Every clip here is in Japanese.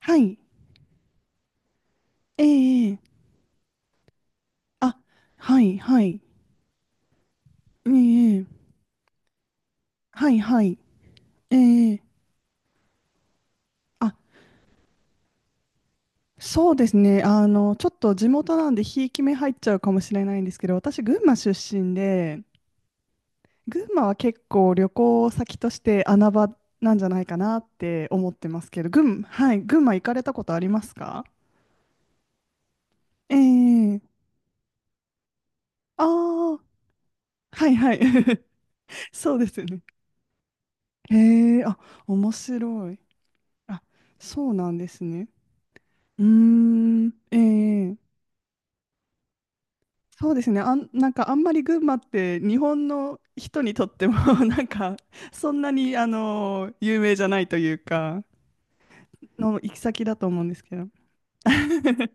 はい。ええええあ、はい、はい。ええええはい、はい。ええあ、そうですね。あの、ちょっと地元なんで、ひいき目入っちゃうかもしれないんですけど、私、群馬出身で、群馬は結構旅行先として穴場なんじゃないかなって思ってますけど、はい、群馬行かれたことありますか？ええああー、はいはい。そうですよね。へえ、あ、面白い。あ、そうなんですね。うーん、ええそうですね。なんかあんまり群馬って日本の人にとっても なんかそんなに有名じゃないというかの行き先だと思うんですけど。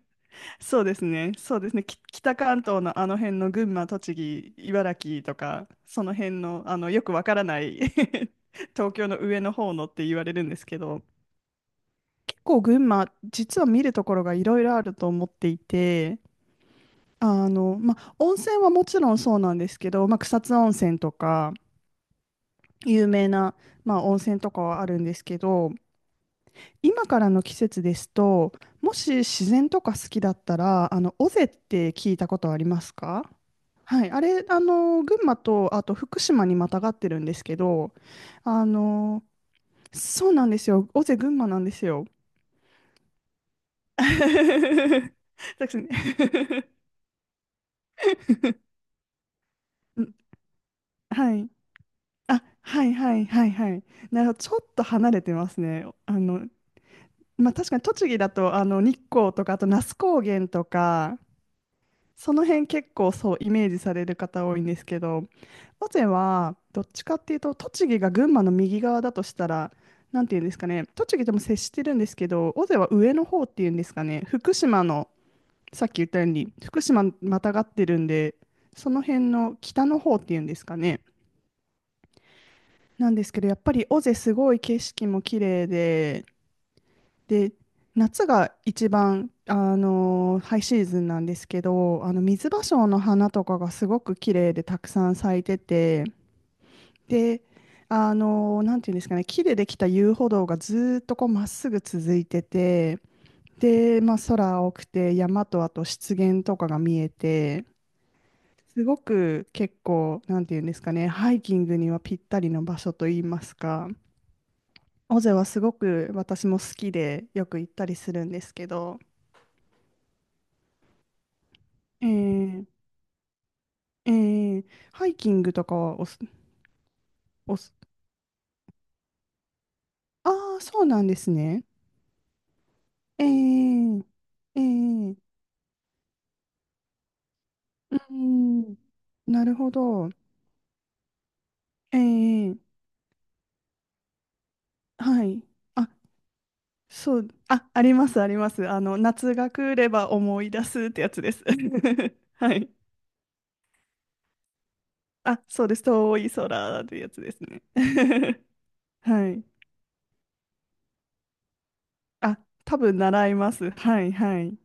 そうですね。北関東のあの辺の群馬、栃木、茨城とかその辺のよくわからない 東京の上の方のって言われるんですけど、結構群馬実は見るところがいろいろあると思っていて。あの、まあ、温泉はもちろんそうなんですけど、まあ、草津温泉とか有名な、まあ、温泉とかはあるんですけど今からの季節ですともし自然とか好きだったらあの尾瀬って聞いたことありますか？はい、あれ、あの、群馬と、あと福島にまたがってるんですけど、あの、そうなんですよ。尾瀬群馬なんですよ。そうですね。はい。あ、はいはいはいはい。なるほど、ちょっと離れてますね。あの、まあ、確かに栃木だとあの日光とかあと那須高原とかその辺結構そうイメージされる方多いんですけど、尾瀬はどっちかっていうと栃木が群馬の右側だとしたら、なんていうんですかね、栃木とも接してるんですけど、尾瀬は上の方っていうんですかね、福島のさっき言ったように福島またがってるんで、その辺の北の方っていうんですかね。なんですけど、やっぱり尾瀬すごい景色も綺麗で、で、夏が一番、あのハイシーズンなんですけど、あの水芭蕉の花とかがすごく綺麗でたくさん咲いてて、で、あのなんていうんですかね、木でできた遊歩道がずーっとこうまっすぐ続いてて、で、まあ、空青くて山とあと湿原とかが見えて、すごく結構、なんていうんですかね、ハイキングにはぴったりの場所といいますか。尾瀬はすごく私も好きでよく行ったりするんですけど、えー、えー、ハイキングとかはおす、おす、ああ、そうなんですね。えー、えー、うん、なるほど。えー、はい。あ、そう、あります、あります。あの、夏が来れば思い出すってやつです。はい。あ、そうです。遠い空ってやつですね。はい。あ、多分習います。はい、はい。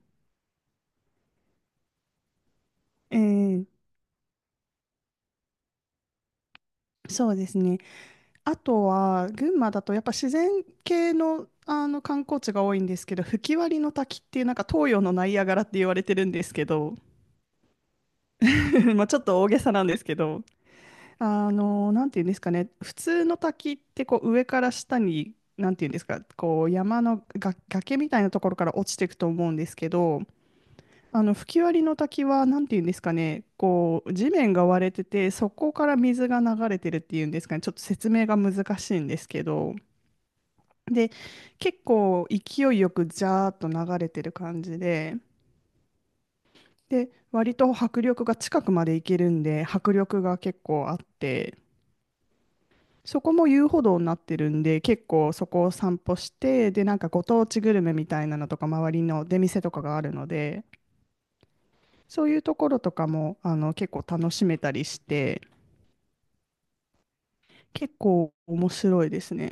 ええそうですね。あとは、群馬だとやっぱ自然系の、あの観光地が多いんですけど、吹割の滝っていう、なんか東洋のナイアガラって言われてるんですけど、まあちょっと大げさなんですけど、あの、なんていうんですかね、普通の滝ってこう上から下に、なんていうんですか、こう山のが崖みたいなところから落ちていくと思うんですけど、あの吹き割りの滝は何て言うんですかね、こう地面が割れてて、そこから水が流れてるっていうんですかね、ちょっと説明が難しいんですけど、で、結構勢いよくジャーっと流れてる感じで、で、割と迫力が近くまで行けるんで、迫力が結構あって、そこも遊歩道になってるんで、結構そこを散歩して、で、なんかご当地グルメみたいなのとか、周りの出店とかがあるので、そういうところとかもあの結構楽しめたりして。結構面白いですね。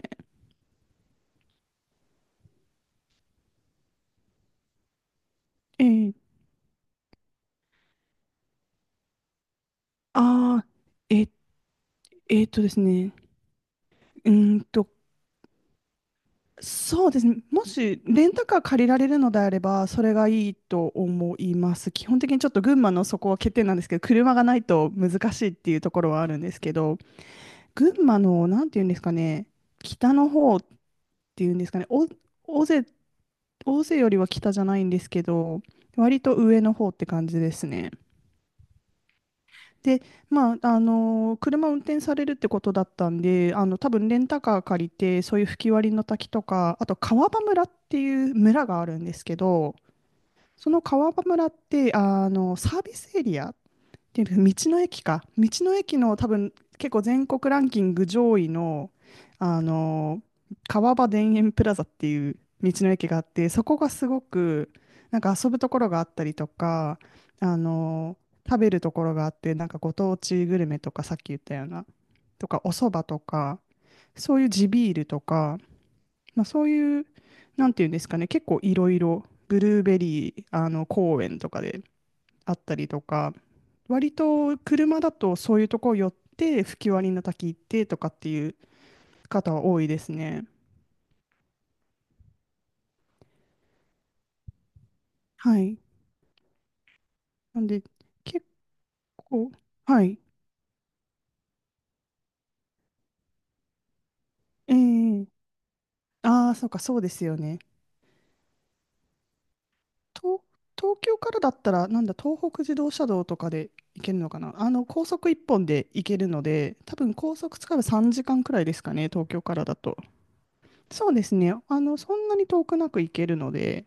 えー、あー、え、ですね。うーんと、そうですね。もし、レンタカー借りられるのであれば、それがいいと思います。基本的にちょっと群馬のそこは欠点なんですけど、車がないと難しいっていうところはあるんですけど、群馬の、なんていうんですかね、北の方っていうんですかね、大勢、大勢よりは北じゃないんですけど、割と上の方って感じですね。で、まあ、あの車を運転されるってことだったんで、あの多分レンタカー借りて、そういう吹き割りの滝とか、あと川場村っていう村があるんですけど、その川場村ってあのサービスエリアっていう道の駅か。道の駅の多分結構全国ランキング上位の、あの川場田園プラザっていう道の駅があって、そこがすごくなんか遊ぶところがあったりとか、あの食べるところがあって、なんかご当地グルメとかさっき言ったような、とかお蕎麦とか、そういう地ビールとか、まあ、そういう、なんていうんですかね、結構いろいろブルーベリーあの公園とかであったりとか、割と車だとそういうとこ寄って吹き割りの滝行ってとかっていう方は多いですね。はい。なんで結構、はい。ええああー、そうか、そうですよね。東、東京からだったら、なんだ、東北自動車道とかで行けるのかな。あの、高速一本で行けるので、多分高速使えば3時間くらいですかね、東京からだと。そうですね。あの、そんなに遠くなく行けるので、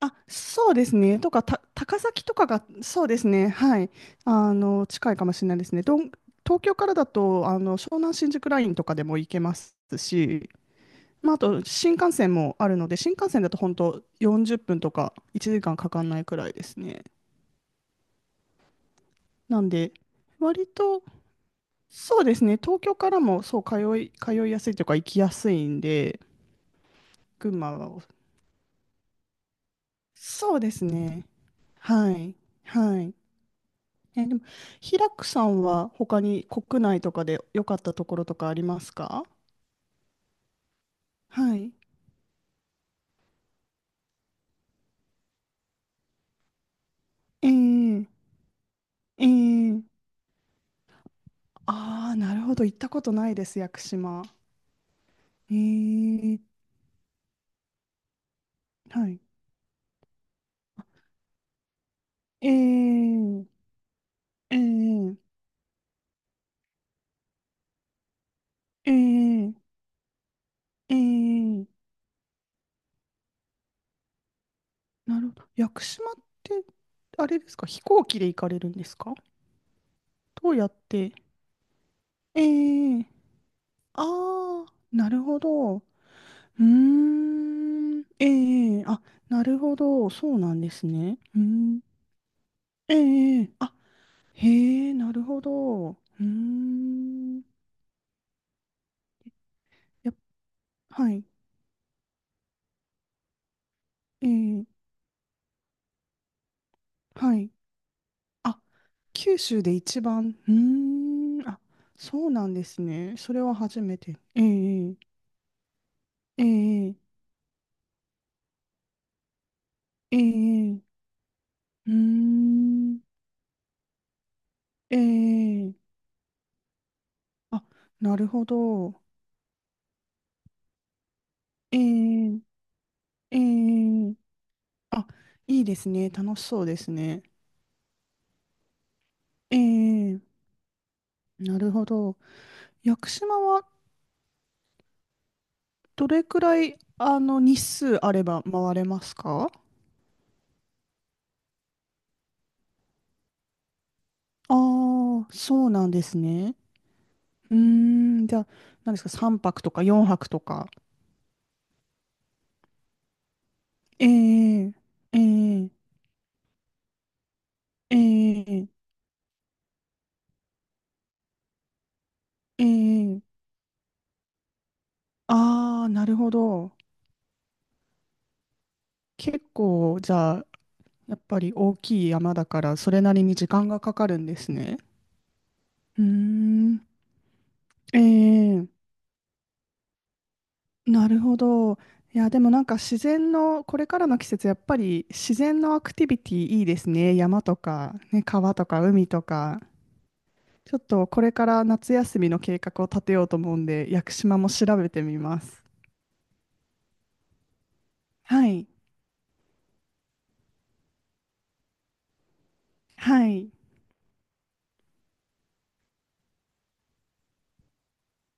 あ、そうですね。とか、た、高崎とかが、そうですね。はい。あの、近いかもしれないですね。どん、東京からだと、あの、湘南新宿ラインとかでも行けますし、まあ、あと、新幹線もあるので、新幹線だと本当40分とか1時間かんかかんないくらいですね。なんで、割と、そうですね。東京からも、そう、通いやすいというか、行きやすいんで、群馬は、そうですね。はい。はい。え、でも、平久さんは他に国内とかで良かったところとかありますか？はい。ええええああー、なるほど。行ったことないです、屋久島。ええはい。ええええええええなるほど。屋久島って、あれですか、飛行機で行かれるんですか？どうやってええああー、なるほど。うーん。ええ、ええあ、なるほど。そうなんですね。うーん。ええ、ええあ、へえ、なるほど。うーん。やっ、はい。ええ、はい。あ、九州で一番。うーん。あ、そうなんですね。それは初めて。ええ、ええ、ええ、ええうーん。ええ、あ、なるほど。ええ、ええ、あ、いいですね。楽しそうですね。ええ、なるほど。屋久島はどれくらい、あの、日数あれば回れますか？ああー、そうなんですね。うーん、じゃあ、何ですか、3泊とか4泊とか。ええ、ええ、ええ、ええ、ああ、なるほど。結構、じゃあ、やっぱり大きい山だから、それなりに時間がかかるんですね。うーん、ええなるほど。いや、でもなんか自然の、これからの季節、やっぱり自然のアクティビティいいですね。山とか、ね、川とか海とか。ちょっとこれから夏休みの計画を立てようと思うんで、屋久島も調べてみます。はい。はい。